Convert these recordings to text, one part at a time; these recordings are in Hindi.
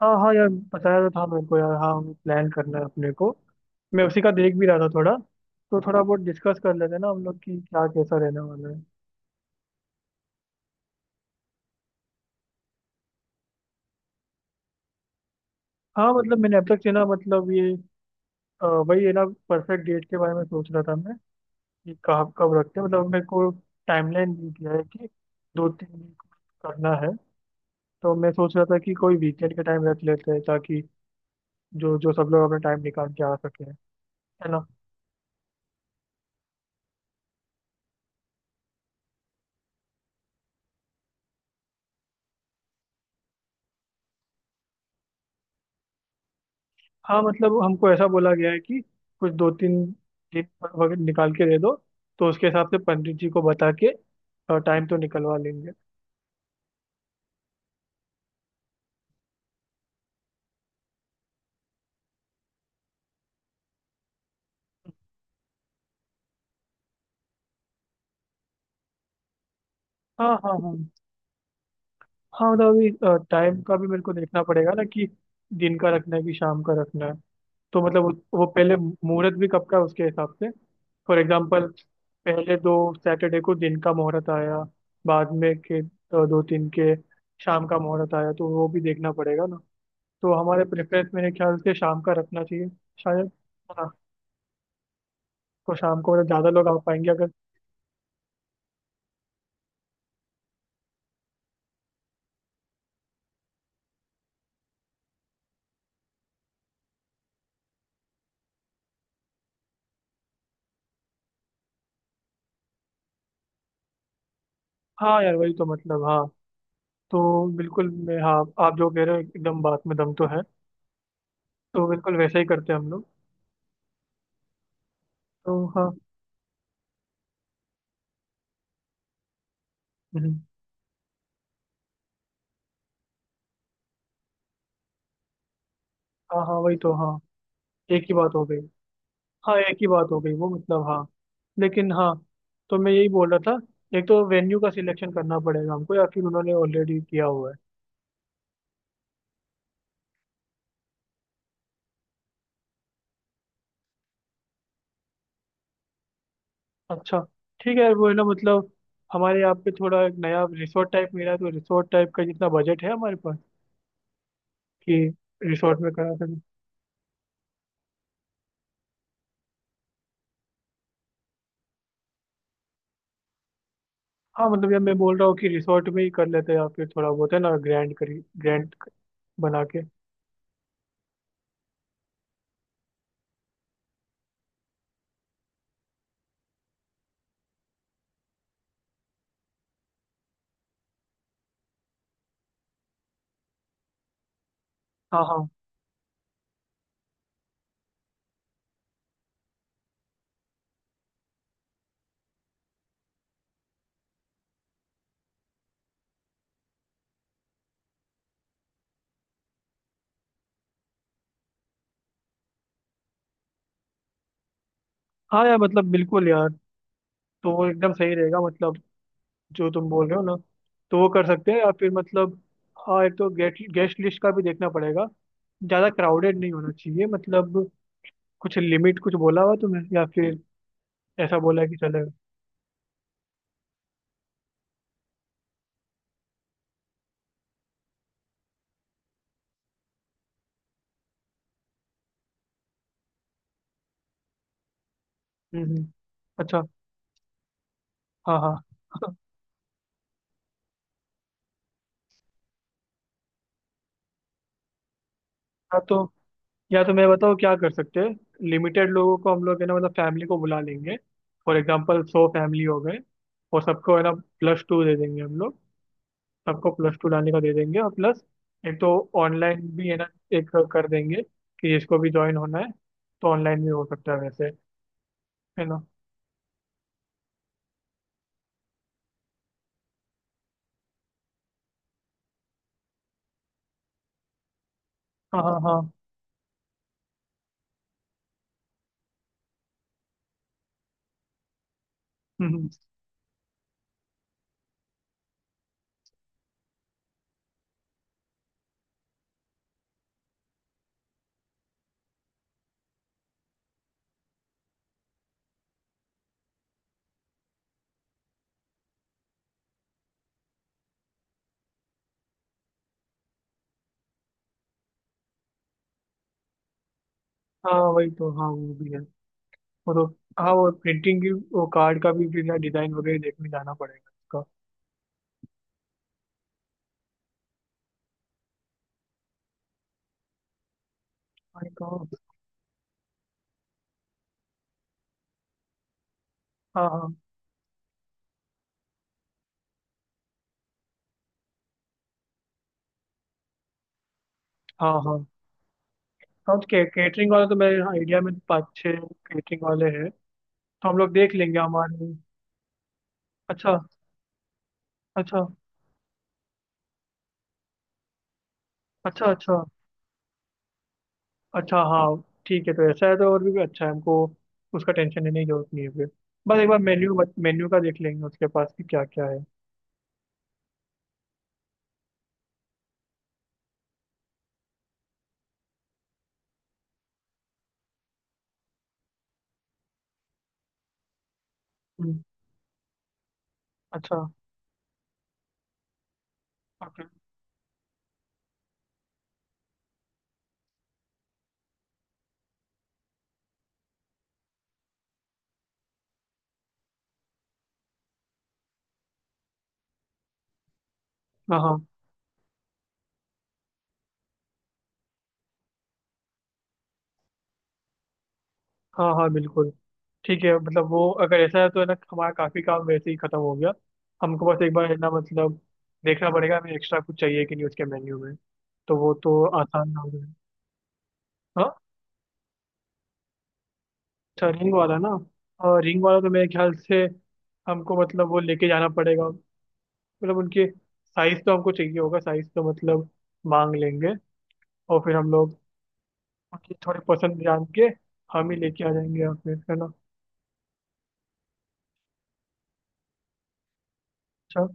हाँ हाँ, यार। बताया तो था मेरे को, यार। हाँ हमें प्लान करना है अपने को। मैं उसी का देख भी रहा था थोड़ा। तो थोड़ा बहुत डिस्कस कर लेते हैं ना हम लोग कि क्या कैसा रहने वाला है। हाँ मतलब मैंने अब तक से ना मतलब ये वही है ना परफेक्ट डेट के बारे में सोच रहा था मैं कि कब कब रखते हैं, मतलब मेरे को टाइमलाइन दी गया है कि 2 3 वीक करना है। तो मैं सोच रहा था कि कोई वीकेंड के टाइम रख लेते हैं ताकि जो जो सब लोग अपना टाइम निकाल के आ सके है ना। हाँ मतलब हमको ऐसा बोला गया है कि कुछ 2 3 दिन वगैरह निकाल के दे दो। तो उसके हिसाब से पंडित जी को बता के टाइम तो निकलवा लेंगे। हाँ हाँ हाँ। हाँ मतलब अभी टाइम का भी मेरे को देखना पड़ेगा ना कि दिन का रखना है कि शाम का रखना है। तो मतलब वो पहले मुहूर्त भी कब का है उसके हिसाब से। फॉर एग्जाम्पल पहले 2 सैटरडे को दिन का मुहूर्त आया, बाद में के दो तीन के शाम का मुहूर्त आया तो वो भी देखना पड़ेगा ना। तो हमारे प्रेफरेंस मेरे ख्याल से शाम का रखना चाहिए शायद। हाँ। तो शाम को मतलब ज़्यादा लोग आ पाएंगे अगर। हाँ यार वही तो मतलब हाँ। तो बिल्कुल मैं हाँ। आप जो कह रहे हो एकदम बात में दम तो है। तो बिल्कुल वैसा ही करते हैं हम लोग। तो हाँ। हम्म। हाँ हाँ वही तो हाँ। एक ही बात हो गई। हाँ एक ही बात हो गई वो मतलब हाँ। लेकिन हाँ। तो मैं यही बोल रहा था एक तो वेन्यू का सिलेक्शन करना पड़ेगा हमको या फिर उन्होंने ऑलरेडी किया हुआ है। अच्छा। ठीक है यार वो है ना मतलब हमारे यहाँ पे थोड़ा एक नया रिसोर्ट टाइप मिला है, तो रिसोर्ट टाइप का जितना बजट है हमारे पास कि रिसोर्ट में करा सकें। हाँ मतलब यार मैं बोल रहा हूँ कि रिसोर्ट में ही कर लेते हैं या फिर थोड़ा बहुत है ना ग्रैंड करी ग्रैंड बना के। हाँ हाँ। हाँ यार मतलब बिल्कुल यार। तो वो एकदम सही रहेगा मतलब जो तुम बोल रहे हो ना। तो वो कर सकते हैं या फिर मतलब। हाँ एक तो गेट गेस्ट लिस्ट का भी देखना पड़ेगा। ज़्यादा क्राउडेड नहीं होना चाहिए मतलब। कुछ लिमिट कुछ बोला हुआ तुम्हें या फिर ऐसा बोला है कि चलेगा। हम्म। अच्छा। हाँ हाँ हाँ तो या तो मैं बताऊँ क्या कर सकते हैं। लिमिटेड लोगों को हम लोग है ना मतलब फैमिली को बुला लेंगे। फॉर एग्जांपल 100 फैमिली हो गए। और सबको है ना प्लस टू दे देंगे हम लोग। सबको प्लस टू डालने का दे देंगे और प्लस एक तो ऑनलाइन भी है ना एक कर देंगे कि जिसको भी ज्वाइन होना है तो ऑनलाइन भी हो सकता है वैसे है ना। हाँ हाँ हाँ। हम्म। हाँ वही तो हाँ वो भी है वो तो। हाँ वो प्रिंटिंग की, वो कार्ड का भी डिजाइन वगैरह देखने जाना पड़ेगा उसका। वही तो हाँ हाँ हाँ हाँ हाँ। तो केटरिंग वाले तो मेरे आइडिया में पाँच छः केटरिंग वाले हैं। तो हम लोग देख लेंगे हमारे। अच्छा अच्छा अच्छा अच्छा अच्छा हाँ। ठीक है तो ऐसा है तो और भी अच्छा है हमको। उसका टेंशन लेने की जरूरत नहीं है फिर। बस एक बार मेन्यू मेन्यू का देख लेंगे उसके पास कि क्या क्या है। हम्म, अच्छा। ओके। हाँ हाँ हाँ हाँ बिल्कुल। ठीक है मतलब वो अगर ऐसा है तो है ना हमारा काफी काम वैसे ही खत्म हो गया। हमको बस एक बार है ना मतलब देखना पड़ेगा हमें एक्स्ट्रा कुछ चाहिए कि नहीं उसके मेन्यू में। तो वो तो आसान हो जाए। हाँ। अच्छा रिंग वाला ना। और रिंग वाला तो मेरे ख्याल से हमको मतलब वो लेके जाना पड़ेगा, मतलब उनके साइज तो हमको चाहिए होगा। साइज तो मतलब मांग लेंगे। और फिर हम लोग उनकी थोड़ी पसंद जान के हम ही लेके आ जाएंगे या फिर है ना। अच्छा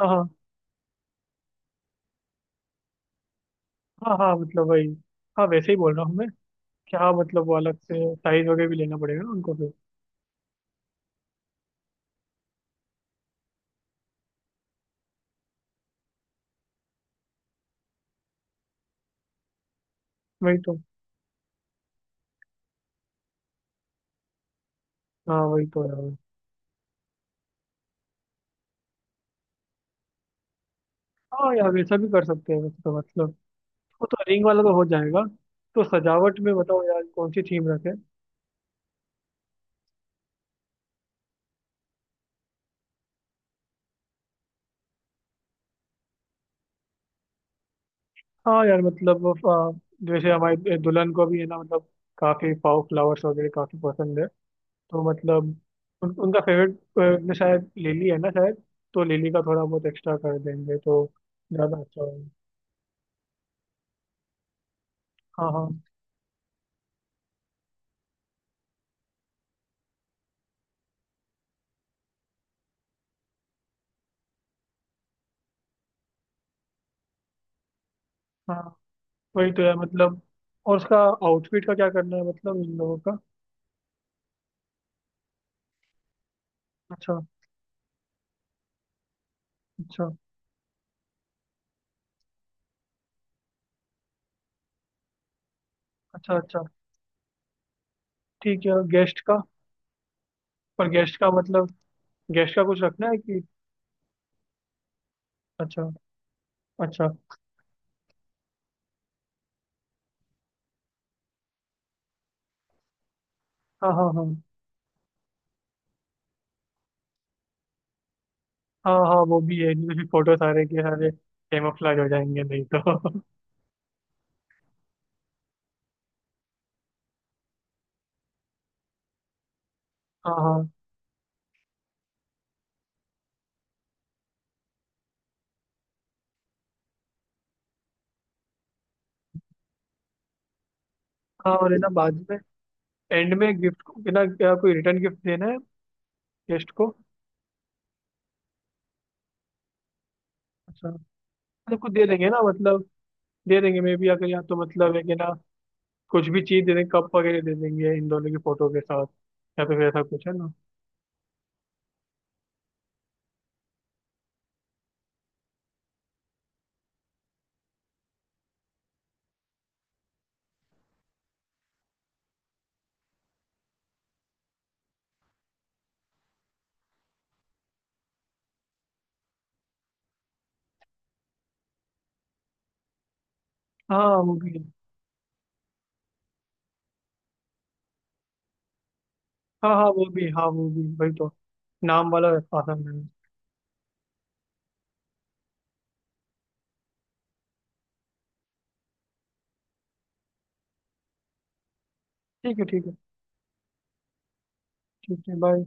हाँ हाँ। हाँ हाँ मतलब वही। हाँ वैसे ही बोल रहा हूँ मैं, क्या मतलब वो अलग से साइज वगैरह भी लेना पड़ेगा ना उनको फिर। वही तो हाँ वही तो यार। हाँ यार वैसा भी कर सकते हैं वैसे तो मतलब। वो तो रिंग वाला तो हो जाएगा। तो सजावट में बताओ यार कौन सी थीम रखें। हाँ यार मतलब जैसे हमारी दुल्हन को भी है ना मतलब काफी फाव फ्लावर्स वगैरह काफी पसंद है। तो मतलब उनका फेवरेट में शायद लिली है ना शायद। तो लिली का थोड़ा बहुत एक्स्ट्रा कर देंगे तो ज्यादा अच्छा होगा। हाँ हाँ हाँ। वही तो यार मतलब। और उसका आउटफिट का क्या करना है मतलब इन लोगों का। अच्छा अच्छा अच्छा अच्छा। ठीक है। गेस्ट का पर गेस्ट का मतलब गेस्ट का कुछ रखना है कि। अच्छा अच्छा। हाँ हाँ हाँ हाँ हाँ। वो भी है नहीं तो फिर फोटो सारे के सारे कैमोफ्लेज हो जाएंगे नहीं तो हाँ हाँ हाँ। और है ना बाद में एंड में गिफ्ट को है ना क्या कोई रिटर्न गिफ्ट देना है गेस्ट को। अच्छा। मतलब कुछ दे देंगे ना मतलब दे देंगे मे बी अगर या तो मतलब है कि ना कुछ भी चीज दे देंगे कप वगैरह दे देंगे इन दोनों की फोटो के साथ या तो फिर ऐसा कुछ है ना। हाँ वो भी हाँ हाँ वो भी वही तो नाम वाला। आसान है। ठीक है ठीक है। ठीक है बाय।